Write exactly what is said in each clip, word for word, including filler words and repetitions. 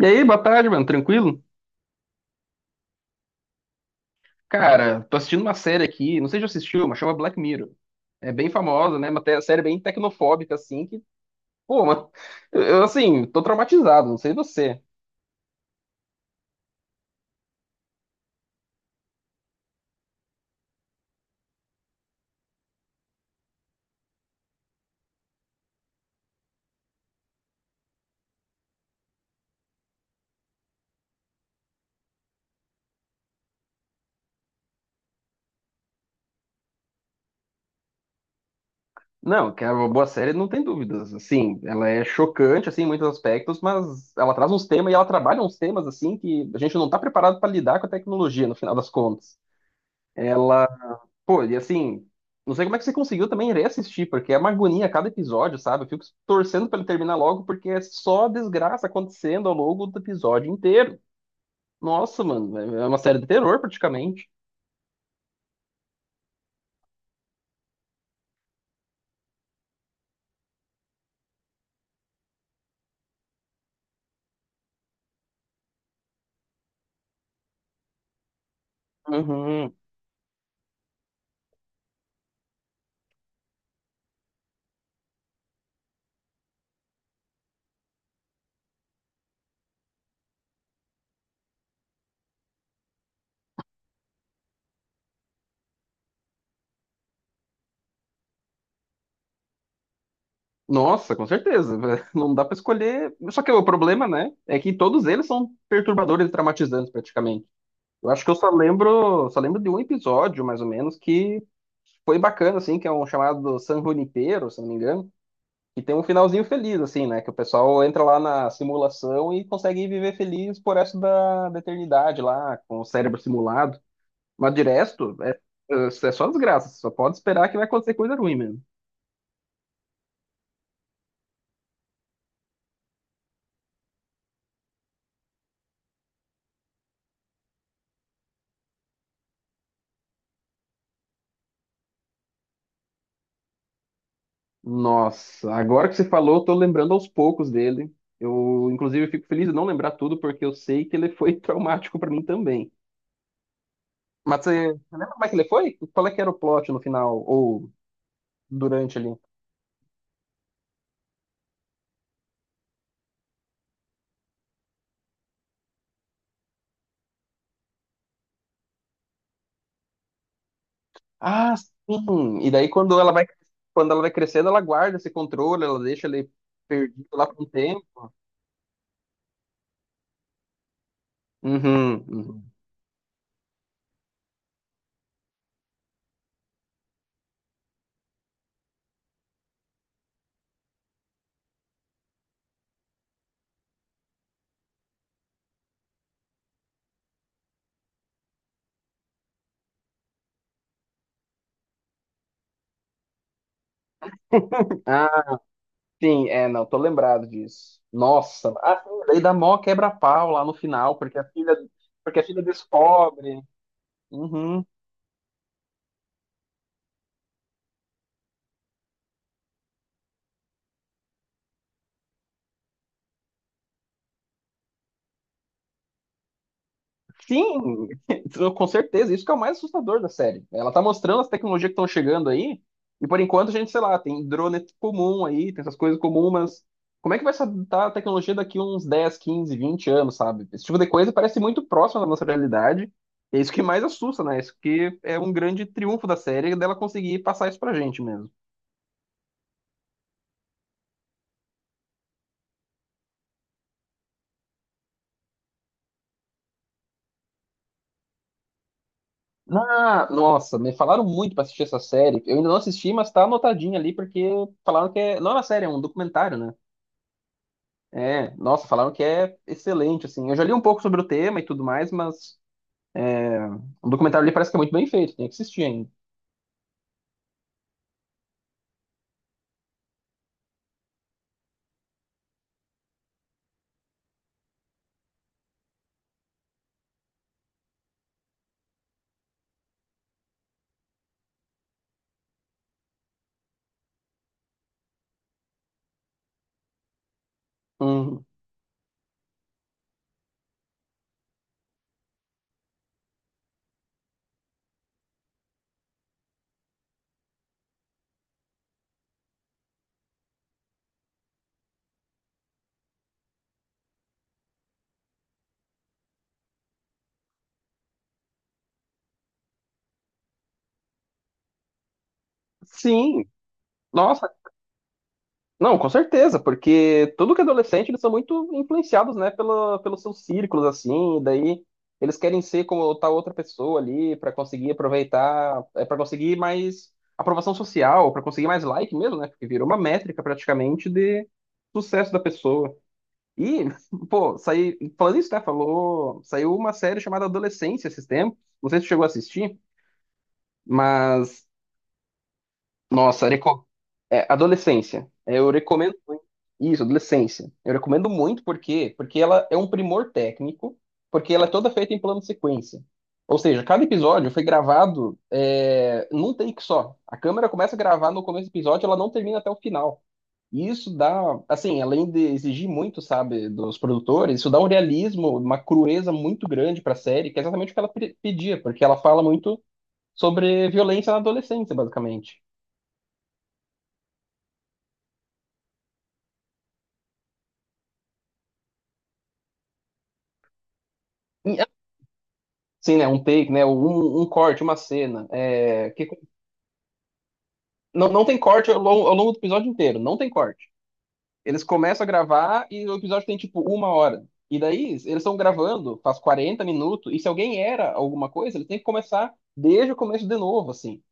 E aí, boa tarde, mano. Tranquilo? Cara, tô assistindo uma série aqui, não sei se já assistiu, mas chama Black Mirror. É bem famosa, né? Uma te- série bem tecnofóbica, assim, que, pô, mano, eu, assim, tô traumatizado, não sei você. Não, que é uma boa série, não tem dúvidas. Assim, ela é chocante, assim, em muitos aspectos, mas ela traz uns temas e ela trabalha uns temas, assim, que a gente não tá preparado pra lidar com a tecnologia, no final das contas. Pô, e assim, não sei como é que você conseguiu também reassistir, porque é uma agonia a cada episódio, sabe? Eu fico torcendo pra ele terminar logo, porque é só desgraça acontecendo ao longo do episódio inteiro. Nossa, mano, é é uma série de terror praticamente. Uhum. Nossa, com certeza. Não dá pra escolher. Só que o problema, né, é que todos eles são perturbadores e traumatizantes praticamente. Eu acho que eu só lembro, só lembro de um episódio, mais ou menos, que foi bacana, assim, que é um chamado San Junipero, se não me engano. E tem um finalzinho feliz, assim, né? Que o pessoal entra lá na simulação e consegue viver feliz por resto da, da eternidade lá, com o cérebro simulado. Mas de resto, é, é só desgraça. Só pode esperar que vai acontecer coisa ruim mesmo. Nossa, agora que você falou, eu tô lembrando aos poucos dele. Eu, inclusive, fico feliz de não lembrar tudo, porque eu sei que ele foi traumático pra mim também. Mas você, você lembra como é que ele foi? Qual é que era o plot no final, ou durante ali? Ah, sim. E daí quando ela vai, quando ela vai crescendo, ela guarda esse controle, ela deixa ele perdido lá por um tempo. Uhum, uhum. Ah, sim, é, não, tô lembrado disso. Nossa, ah, sim, daí dá mó quebra-pau lá no final, porque a filha, porque a filha descobre. Uhum. Sim, com certeza. Isso que é o mais assustador da série. Ela tá mostrando as tecnologias que estão chegando aí, e por enquanto a gente, sei lá, tem drone comum aí, tem essas coisas comuns, mas como é que vai estar a tecnologia daqui uns dez quinze vinte anos, sabe? Esse tipo de coisa parece muito próximo da nossa realidade. É isso que mais assusta, né? Isso que é um grande triunfo da série, dela conseguir passar isso pra gente mesmo. Ah, nossa, me falaram muito pra assistir essa série. Eu ainda não assisti, mas tá anotadinha ali, porque falaram que é... não é uma série, é um documentário, né? É, nossa, falaram que é excelente, assim. Eu já li um pouco sobre o tema e tudo mais, mas o documentário ali parece que é muito bem feito, tem que assistir ainda. Hum, Sim, nossa, não, com certeza, porque tudo que é adolescente, eles são muito influenciados, né, pela, pelos seus círculos, assim, e daí eles querem ser como tal outra pessoa ali para conseguir aproveitar, é, para conseguir mais aprovação social, para conseguir mais like mesmo, né, porque virou uma métrica praticamente de sucesso da pessoa. E, pô, saí, falando isso, né? Falou, saiu uma série chamada Adolescência esses tempos. Não sei se tu chegou a assistir, mas, nossa, reco... é, Adolescência. é, Eu recomendo muito. Isso, Adolescência. Eu recomendo muito porque, porque ela é um primor técnico, porque ela é toda feita em plano de sequência. Ou seja, cada episódio foi gravado é, num take só. A câmera começa a gravar no começo do episódio, ela não termina até o final. E isso dá, assim, além de exigir muito, sabe, dos produtores, isso dá um realismo, uma crueza muito grande para a série, que é exatamente o que ela pe- pedia, porque ela fala muito sobre violência na adolescência, basicamente. E, Sim, né, um take, né, um, um corte, uma cena. é, que, não, não tem corte ao longo, ao longo do episódio inteiro, não tem corte. Eles começam a gravar e o episódio tem, tipo, uma hora. E daí, eles estão gravando, faz quarenta minutos, e se alguém era alguma coisa, eles têm que começar desde o começo de novo, assim.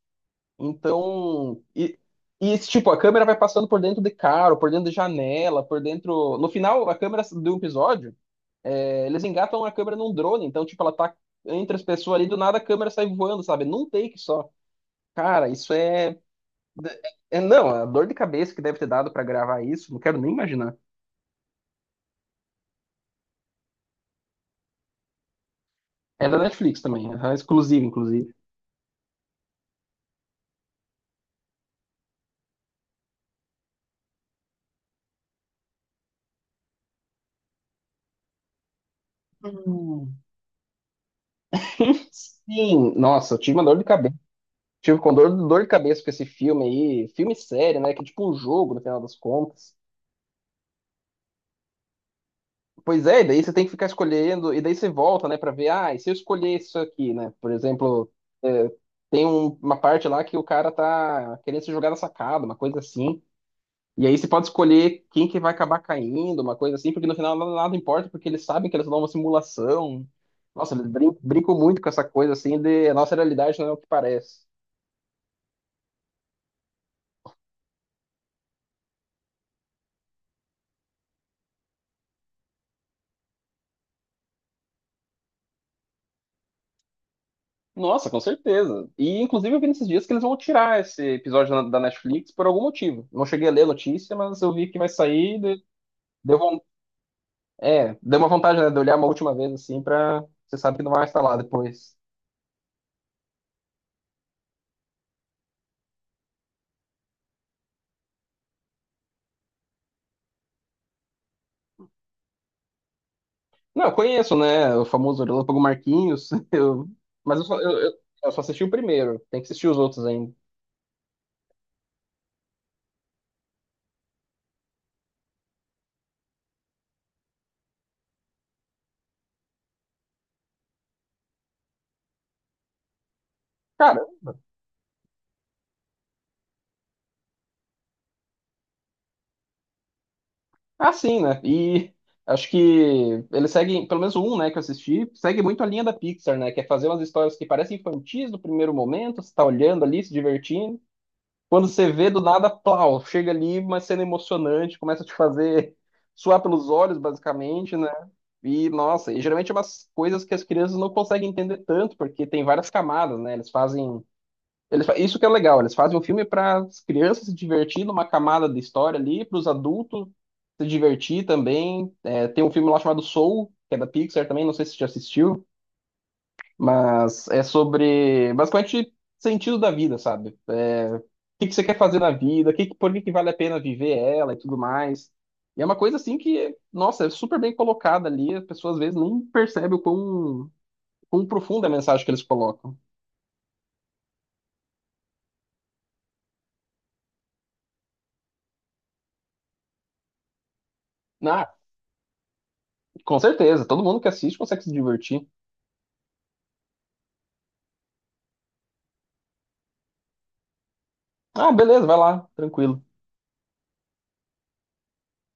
Então, e, e esse tipo, a câmera vai passando por dentro de carro, por dentro de janela, por dentro. No final, a câmera do episódio, é, eles engatam a câmera num drone, então, tipo, ela tá entre as pessoas ali, do nada a câmera sai voando, sabe? Num take só. Cara, isso é. é é, não, a dor de cabeça que deve ter dado pra gravar isso, não quero nem imaginar. É da Netflix também, é exclusiva, inclusive. Hum. Sim, nossa, eu tive uma dor de cabeça. Tive com dor, dor de cabeça com esse filme aí, filme sério, né? Que é tipo um jogo, no final das contas. Pois é, e daí você tem que ficar escolhendo, e daí você volta, né, pra ver, ah, e se eu escolher isso aqui, né? Por exemplo, é, tem um- uma parte lá que o cara tá querendo se jogar na sacada, uma coisa assim. E aí você pode escolher quem que vai acabar caindo, uma coisa assim, porque no final nada, nada importa, porque eles sabem que eles dão uma simulação. Nossa, eles brin- brincam muito com essa coisa assim de a nossa realidade não é o que parece. Nossa, com certeza. E inclusive eu vi nesses dias que eles vão tirar esse episódio na- da Netflix por algum motivo. Não cheguei a ler a notícia, mas eu vi que vai sair de. Deu É, deu uma vantagem, né, de olhar uma última vez assim pra. Você sabe que não vai instalar depois. Não, eu conheço, né? O famoso Relâmpago Marquinhos. Eu... Mas eu só, eu, eu- eu só assisti o primeiro. Tem que assistir os outros ainda. Cara, é assim, né? E acho que eles seguem, pelo menos um, né, que eu assisti, segue muito a linha da Pixar, né? Que é fazer umas histórias que parecem infantis no primeiro momento, você tá olhando ali, se divertindo. Quando você vê do nada, plau, chega ali, uma cena emocionante, começa a te fazer suar pelos olhos, basicamente, né? E, nossa, e geralmente é umas coisas que as crianças não conseguem entender tanto, porque tem várias camadas, né? Eles fazem. Eles, fa- isso que é legal, eles fazem um filme para as crianças se divertir numa camada de história ali, para os adultos se divertir também. É, tem um filme lá chamado Soul, que é da Pixar também, não sei se você já assistiu. Mas é sobre basicamente sentido da vida, sabe? É, o que que você quer fazer na vida, o que, que- por que que vale a pena viver ela e tudo mais. E é uma coisa assim que, nossa, é super bem colocada ali, as pessoas às vezes nem percebem o quão, quão, profunda é a mensagem que eles colocam. Ah, com certeza, todo mundo que assiste consegue se divertir. Ah, beleza, vai lá, tranquilo.